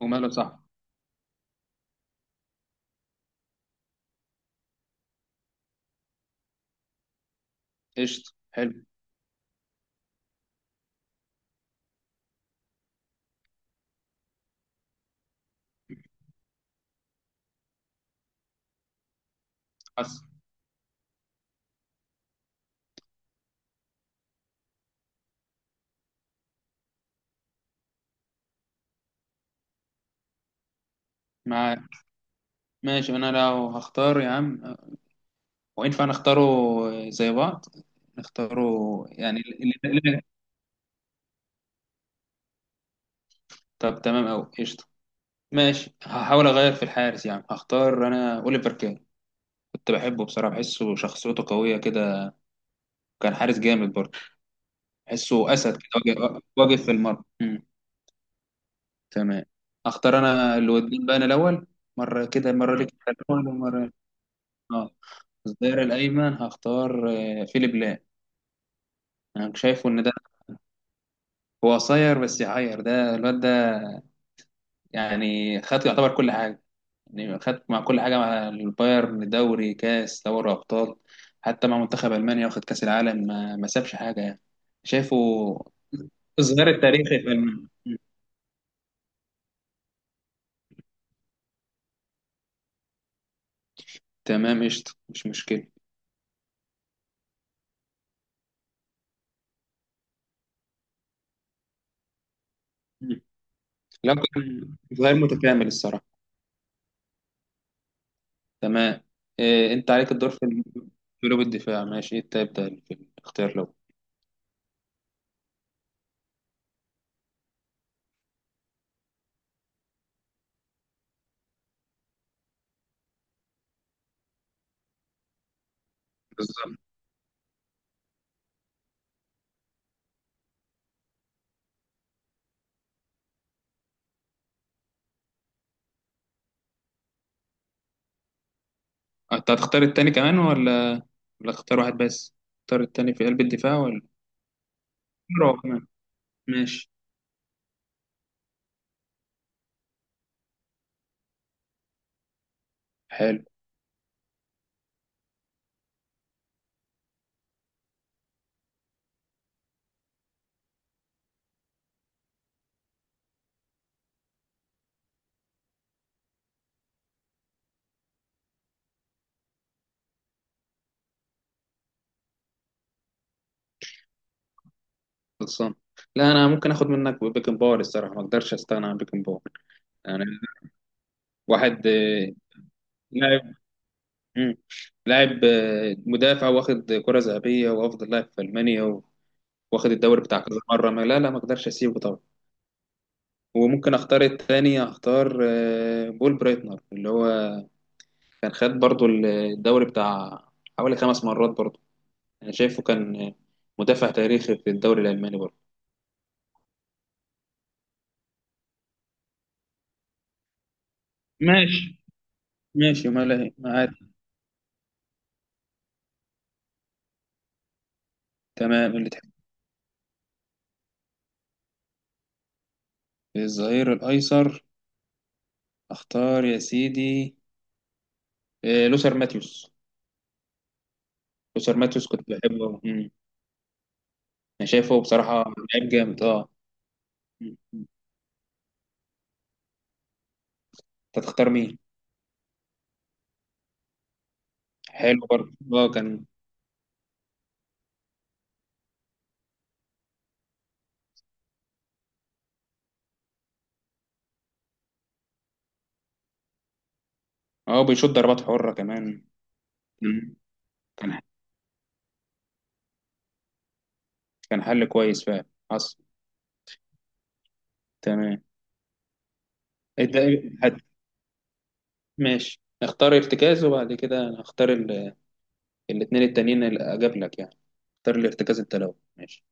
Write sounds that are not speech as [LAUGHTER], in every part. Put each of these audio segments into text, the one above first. وماله صح. قشطة، حلو. حصل. معاك. ماشي، انا لو هختار يا عم وينفع نختاره زي بعض نختاره. يعني اللي اللي- طب تمام أوي قشطة. ماشي، هحاول اغير في الحارس يا عم، هختار انا اوليفر كان. كنت بحبه بصراحة، بحسه شخصيته قوية كده. كان حارس جامد برضه، بحسه اسد كده. واقف واقف في المرمى. تمام. اختار انا الودين بقى انا الاول، مرة كده مرة ليك أنت الأول ومرة. اه. الظهير الايمن هختار فيليب لام. انا مش شايفه ان ده، هو قصير بس يعير ده الواد ده، يعني خد يعتبر كل حاجه، يعني خد مع كل حاجه مع البايرن دوري كاس دوري ابطال، حتى مع منتخب المانيا واخد كاس العالم، ما سابش حاجه يعني. شايفه؟ الظهير التاريخي في المانيا. تمام قشطه مش مشكله. مم. لو كان ظهير متكامل الصراحه. تمام. إيه انت عليك الدور في قلوب الدفاع، ماشي، انت ابدا في الاختيار لو. بالظبط. انت هتختار التاني كمان ولا اختار واحد بس، اختار التاني في قلب الدفاع ولا روح كمان. ماشي. حلو. خلصان. لا انا ممكن اخد منك بيكن باور الصراحه، ما اقدرش استغنى عن بيكن باور. يعني واحد لاعب. مم. لاعب مدافع واخد كره ذهبيه وافضل لاعب في المانيا واخد الدوري بتاع كذا مره، ما، لا لا، ما اقدرش اسيبه طبعا. وممكن اختار التاني، اختار بول برايتنر اللي هو كان خد برضو الدوري بتاع حوالي 5 مرات برضو. أنا شايفه كان مدافع تاريخي في الدوري الألماني برضه. ماشي. ماشي ما له، معاك. تمام اللي تحب. الظهير الأيسر، أختار يا سيدي لوثر ماتيوس. لوثر ماتيوس كنت بحبه. مم. أنا شايفه بصراحة، لعيب جامد أه. مم. أنت تختار مين؟ حلو برضه أه كان. أه بيشوط ضربات حرة كمان. مم. كان كان حل كويس فعلا. حصل. تمام. حد ماشي، اختار ارتكاز وبعد كده أنا هختار الاتنين التانيين اللي أجاب لك يعني، اختار لارتكاز التلوي، ماشي.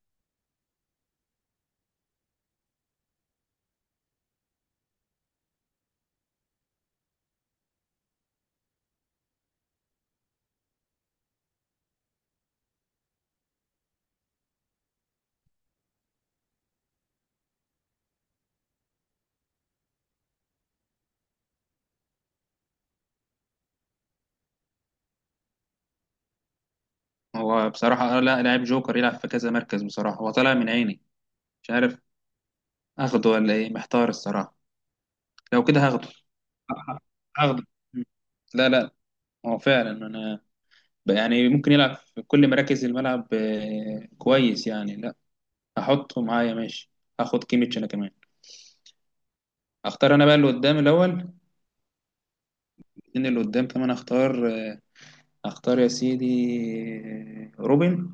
هو بصراحة لا لاعب جوكر يلعب في كذا مركز بصراحة، هو طالع من عيني، مش عارف اخده ولا ايه، محتار الصراحة. لو كده هاخده. ه- هاخده. م. لا لا، هو فعلا انا يعني ممكن يلعب في كل مراكز الملعب كويس يعني، لا هحطه معايا، ماشي. هاخد كيميتش انا كمان. اختار انا بقى اللي قدام الاول، ان اللي قدام كمان، اختار يا سيدي روبن.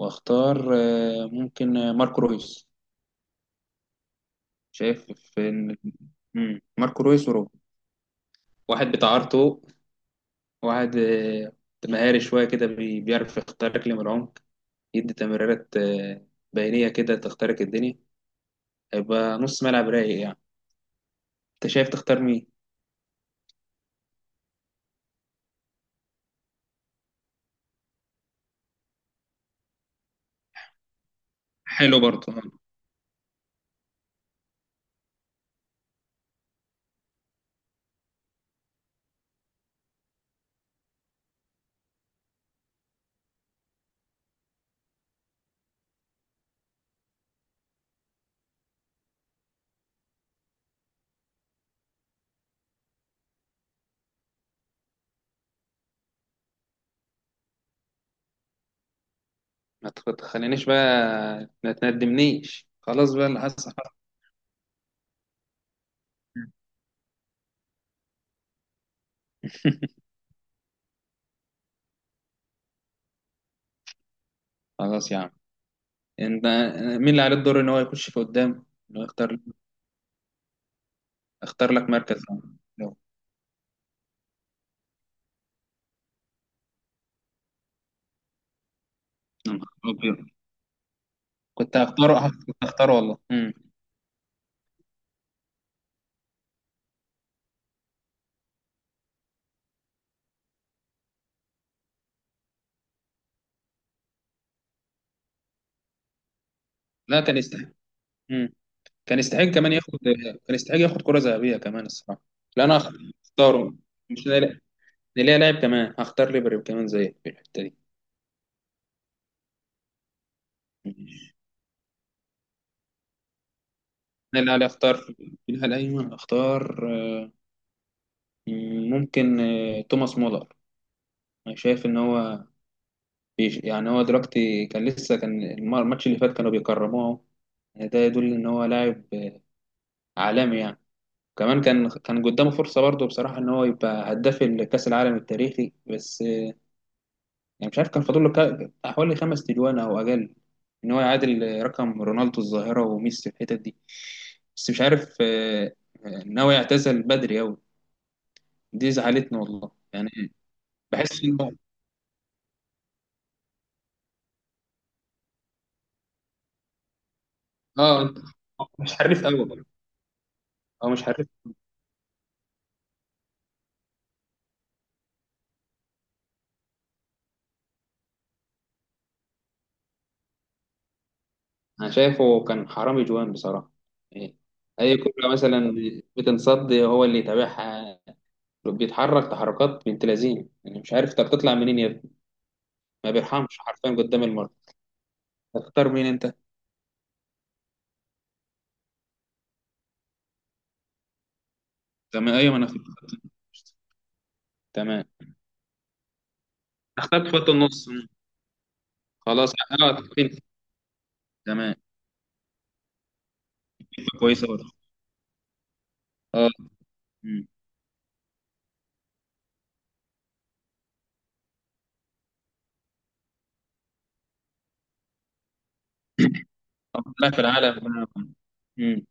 واختار ممكن ماركو رويس، شايف في إن. مم. ماركو رويس وروب، واحد بتاع ارتو، واحد مهاري شوية كده، بيعرف يخترق لي من العمق، يدي تمريرات بينية كده تخترق الدنيا، هيبقى نص ملعب رايق يعني. انت شايف تختار مين؟ حلو برضه آه. ما تخلينيش بقى، ما تندمنيش، خلاص بقى اللي حصل. [LAUGHS] خلاص يا عم، انت، مين اللي عليه الدور ان هو يخش في قدام إن هو يختار؟ اختار لك مركز يا عم. يلا. يا نهار أبيض. كنت هختاره كنت هختاره والله. لا كان يستحق. مم. كان يستحق كمان ياخد، كان يستحق ياخد كرة ذهبية كمان الصراحة. لا انا هختاره. مش نلاقي لاعب كمان، هختار ليبري كمان زي في الحتة دي. مم. انا اللي علي اختار في الناحية الايمن، اختار آه، ممكن توماس مولر. انا شايف ان هو بيش يعني، هو دلوقتي كان لسه كان الماتش اللي فات كانوا بيكرموه، ده يدل ان هو لاعب عالمي يعني. كمان كان قدامه فرصة برضه بصراحة ان هو يبقى هداف الكأس العالم التاريخي، بس يعني مش عارف كان فاضل له حوالي 5 تجوان او اقل، ان هو يعادل رقم رونالدو الظاهره وميسي في الحتت دي. بس مش عارف ناوي يعتزل بدري قوي. دي زعلتني والله يعني. بحس انه اه مش حريف قوي. هو مش حريف. انا شايفه كان حرامي جوان بصراحه يعني. اي كوره مثلا بتنصد هو اللي يتابعها، بيتحرك تحركات بنت لذينه، يعني مش عارف، طب تطلع منين يا ابني؟ ما بيرحمش حرفيا قدام المرمى. تختار مين انت؟ زي ما، ايوه، ما انا فاهم. تمام، اخدت خط النص. مم. خلاص اه تكفين. تمام كويسه برضه. اه. مم. افضل لاعب في العالم بقى. مم.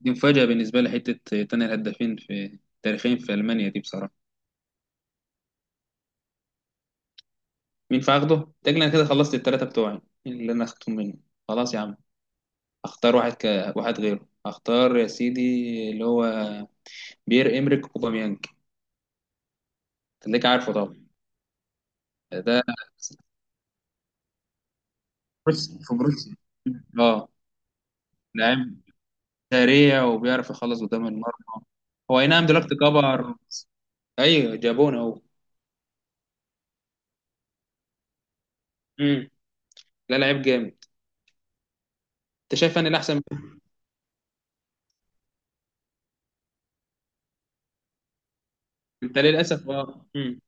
دي مفاجاه بالنسبه لي حته، تاني الهدافين في تاريخين في المانيا دي بصراحه. مين فاخده؟ تقريبا انا كده خلصت الثلاثه بتوعي اللي انا اخدتهم منه. خلاص يا عم. اختار واحد غيره، اختار يا سيدي، اللي هو بيير امريك اوباميانج. تلاقيك عارفه طبعا. ده بص، في بروسيا. اه. لاعب سريع وبيعرف يخلص قدام المرمى. هو اي نعم دلوقتي كبر بس-. ايوه، جابونا اهو. امم. لا لعيب جامد. انت شايف انا الاحسن؟ انت للاسف اه امم.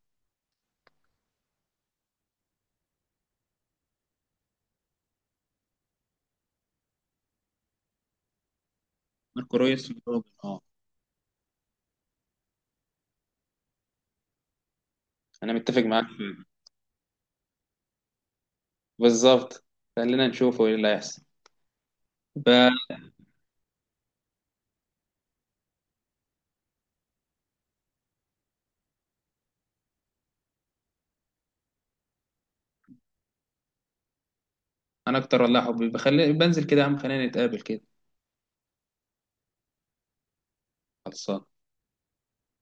ماركو رويس وجوردن. اه. انا متفق معاك فيه. بالظبط. خلينا نشوفه ايه اللي هيحصل. ب- انا اكتر والله حبي بخلي بنزل كده يا عم، خلينا نتقابل كده. خلصان.